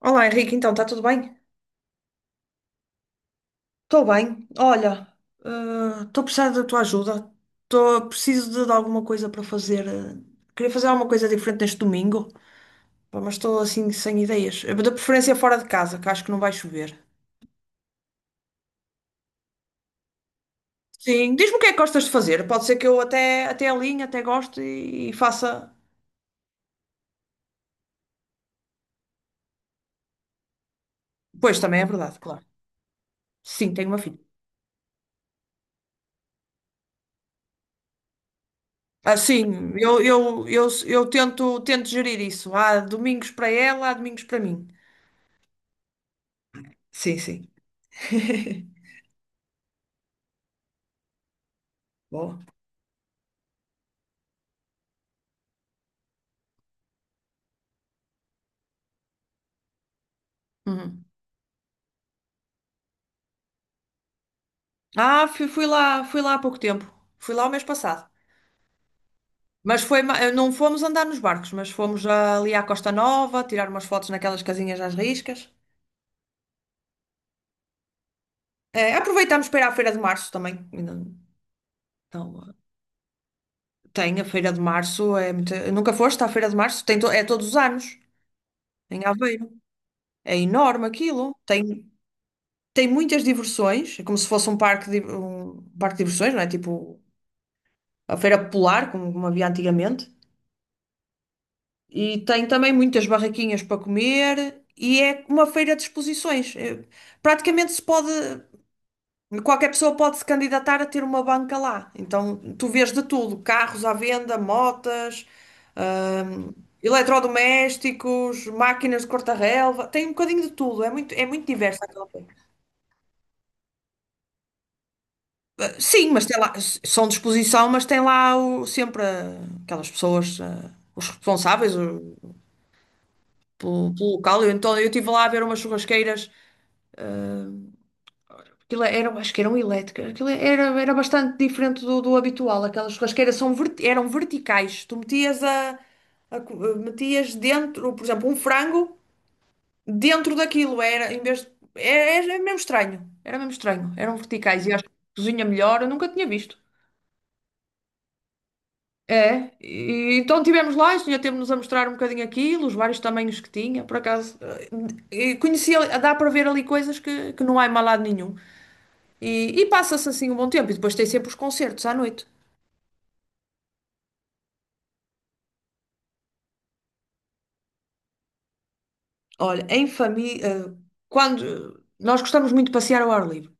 Olá Henrique, então está tudo bem? Estou bem. Olha, estou a precisar da tua ajuda. Tô, preciso de alguma coisa para fazer. Queria fazer alguma coisa diferente neste domingo, pá, mas estou assim sem ideias. De preferência fora de casa, que acho que não vai chover. Sim, diz-me o que é que gostas de fazer. Pode ser que eu até alinhe, até goste e faça. Pois também é verdade, claro. Sim, tenho uma filha. Ah, sim, eu tento, tento gerir isso. Há domingos para ela, há domingos para mim. Sim, sim. Boa. Uhum. Ah, fui lá há pouco tempo. Fui lá o mês passado. Mas foi, não fomos andar nos barcos, mas fomos ali à Costa Nova, tirar umas fotos naquelas casinhas às riscas. Aproveitamos para ir à Feira de Março também. Ainda Então, eh, tem a Feira de Março, é muito... Nunca foste à Feira de Março? É todos os anos, em Aveiro. É enorme aquilo. Tem, tem muitas diversões, é como se fosse um parque de diversões, não é? Tipo a Feira Popular, como havia antigamente. E tem também muitas barraquinhas para comer e é uma feira de exposições. É, praticamente se pode, qualquer pessoa pode se candidatar a ter uma banca lá. Então tu vês de tudo, carros à venda, motas, hum, eletrodomésticos, máquinas de cortar-relva, tem um bocadinho de tudo, é muito diverso aquela feira. Ah, sim, mas tem lá, são de exposição, mas tem lá sempre aquelas pessoas, os responsáveis pelo local. Eu, então eu estive lá a ver umas churrasqueiras. Aquilo era, acho que eram elétricas. Aquilo era bastante diferente do habitual. Aquelas churrasqueiras eram verticais. Tu metias metias dentro, por exemplo, um frango dentro daquilo. Era, em vez de- era, era mesmo estranho. Era mesmo estranho. Eram verticais e acho que cozinha melhor. Eu nunca tinha visto. É, e, então tivemos lá, e o senhor teve-nos a mostrar um bocadinho aquilo, os vários tamanhos que tinha, por acaso. E conhecia, dá para ver ali coisas que não há em mal lado nenhum. E passa-se assim um bom tempo. E depois tem sempre os concertos à noite. Olha, em família, quando nós gostamos muito de passear ao ar livre.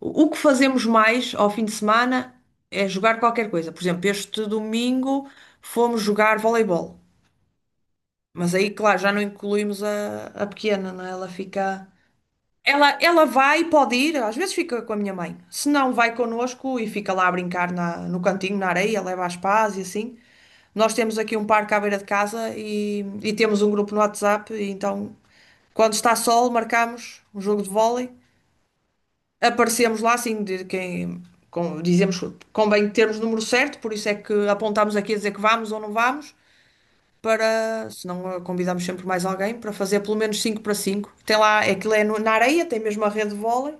O que fazemos mais ao fim de semana é jogar qualquer coisa. Por exemplo, este domingo fomos jogar voleibol. Mas aí, claro, já não incluímos a pequena, não é? Ela fica. Ela vai, pode ir, às vezes fica com a minha mãe. Se não, vai connosco e fica lá a brincar no cantinho, na areia, leva as pás e assim. Nós temos aqui um parque à beira de casa e temos um grupo no WhatsApp, e então, quando está sol, marcamos um jogo de vôlei. Aparecemos lá, assim, de quem, com, dizemos, convém termos o número certo, por isso é que apontamos aqui a dizer que vamos ou não vamos, para, se não, convidamos sempre mais alguém para fazer pelo menos 5 para 5. Tem lá, aquilo é na areia, tem mesmo a rede de vôlei.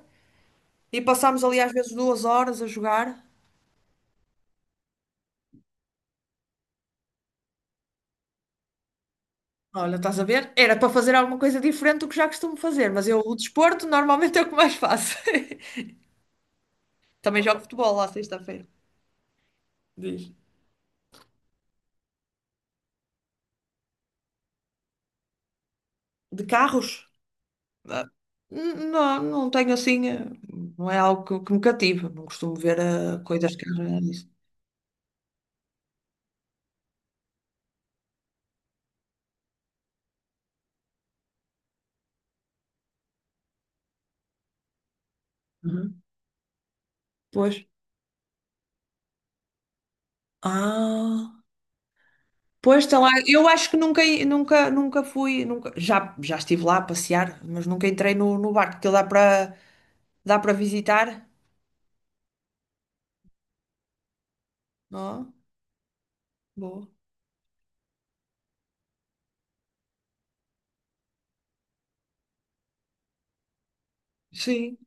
E passámos ali às vezes 2 horas a jogar. Olha, estás a ver? Era para fazer alguma coisa diferente do que já costumo fazer, mas eu, o desporto, normalmente é o que mais faço. Também jogo futebol lá sexta-feira. Diz. De carros? Ah, não, não tenho assim, não é algo que me cativa. Não costumo ver coisas que é disso. Uhum. Pois. Ah, pois está lá. Eu acho que nunca fui, nunca, já estive lá a passear, mas nunca entrei no barco, que dá para dá para visitar, não? É? Boa. Sim.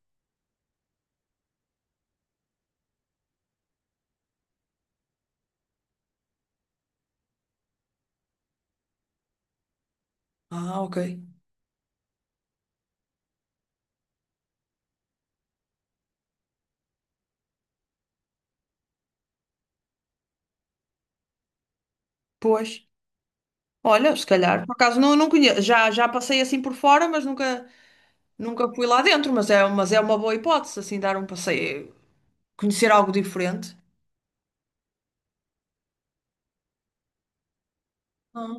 Ah, ok. Pois. Olha, se calhar, por acaso não, não conheço. Já, já passei assim por fora, mas nunca, nunca fui lá dentro. Mas é uma boa hipótese, assim, dar um passeio, conhecer algo diferente. Ah.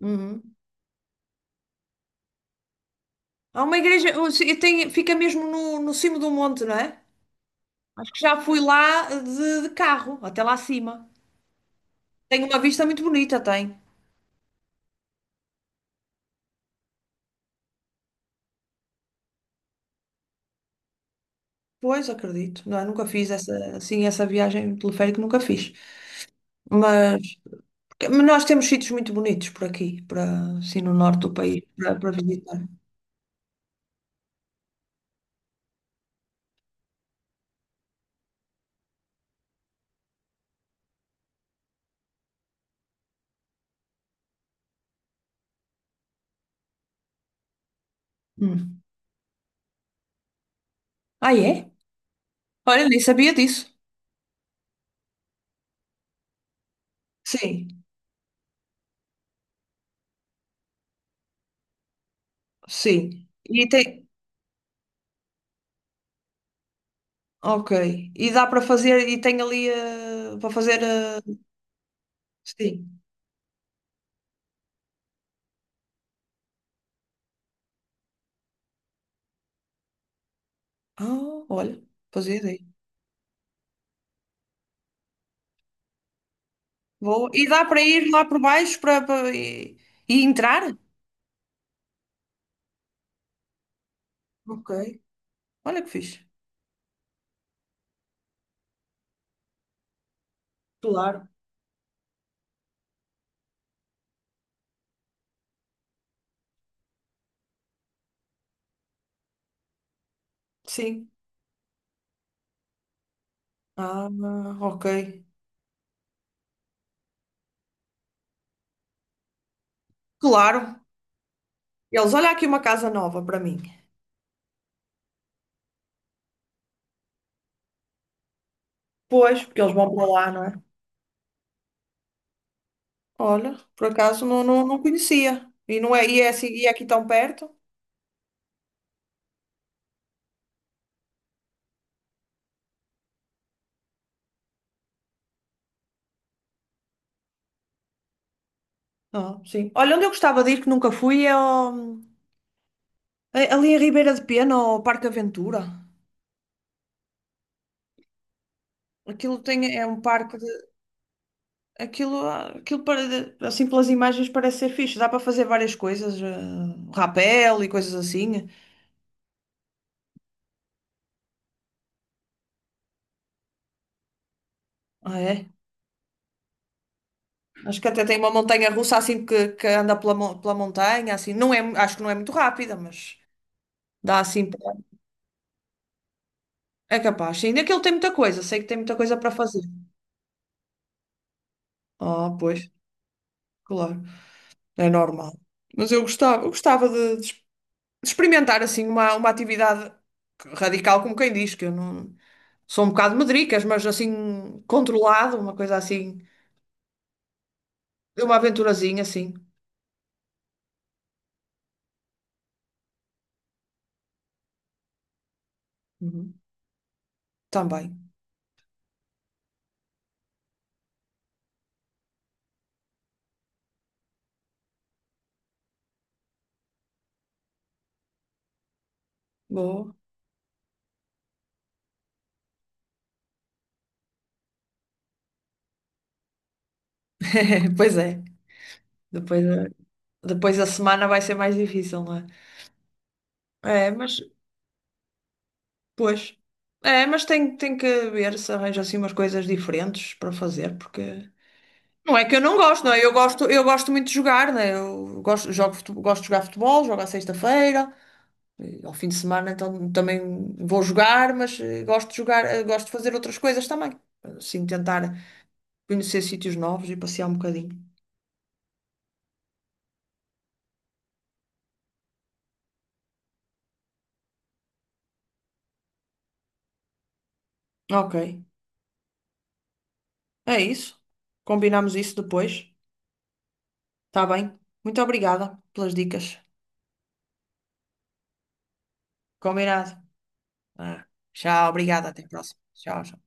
Uhum. Há uma igreja, ou tem, fica mesmo no cimo do monte, não é? Acho que já fui lá de carro, até lá acima. Tem uma vista muito bonita, tem. Pois, acredito. Não, é? Nunca fiz essa, assim, essa viagem teleférica, nunca fiz. Mas nós temos sítios muito bonitos por aqui, para, assim no norte do país, para visitar. Hum. Ah, é? Olha, nem sabia disso. Sim, sim. E tem. Ok. E dá para fazer, e tem ali para fazer. Sim. Ah, olha, fazia ideia. Vou. E dá para ir lá por baixo e entrar? Ok. Olha que fixe. Claro. Sim. Ah, ok. Claro. Eles, olha aqui uma casa nova para mim. Pois, porque eles vão para lá, não é? Olha, por acaso não conhecia. E não é, e é aqui tão perto? Ah, sim. Olha, onde eu gostava de ir que nunca fui é é ali em Ribeira de Pena, ao Parque Aventura. É um parque de, aquilo, aquilo para, assim pelas imagens parece ser fixe. Dá para fazer várias coisas, rapel e coisas assim. Ah, é? Acho que até tem uma montanha russa assim que anda pela montanha, assim. Não é, acho que não é muito rápida, mas dá assim. É capaz, sim. Aquilo tem muita coisa, sei que tem muita coisa para fazer. Ah, pois, claro, é normal. Mas eu gostava, eu gostava de experimentar assim uma atividade radical, como quem diz, que eu não sou um bocado medricas, mas assim controlado, uma coisa assim, de uma aventurazinha assim. Uhum. Também. Boa. Pois é. Depois, a- depois a semana vai ser mais difícil, não é? É, mas pois. É, mas tem, tem que ver se arranja assim umas coisas diferentes para fazer, porque não é que eu não gosto, não é? Eu gosto muito de jogar, né? Eu gosto, jogo, gosto de jogar futebol, jogo à sexta-feira, ao fim de semana então também vou jogar, mas gosto de jogar, gosto de fazer outras coisas também. Assim, tentar conhecer sítios novos e passear um bocadinho. Ok, é isso. Combinamos isso depois. Tá bem. Muito obrigada pelas dicas. Combinado. Ah, tchau, obrigada. Até a próxima. Tchau, tchau.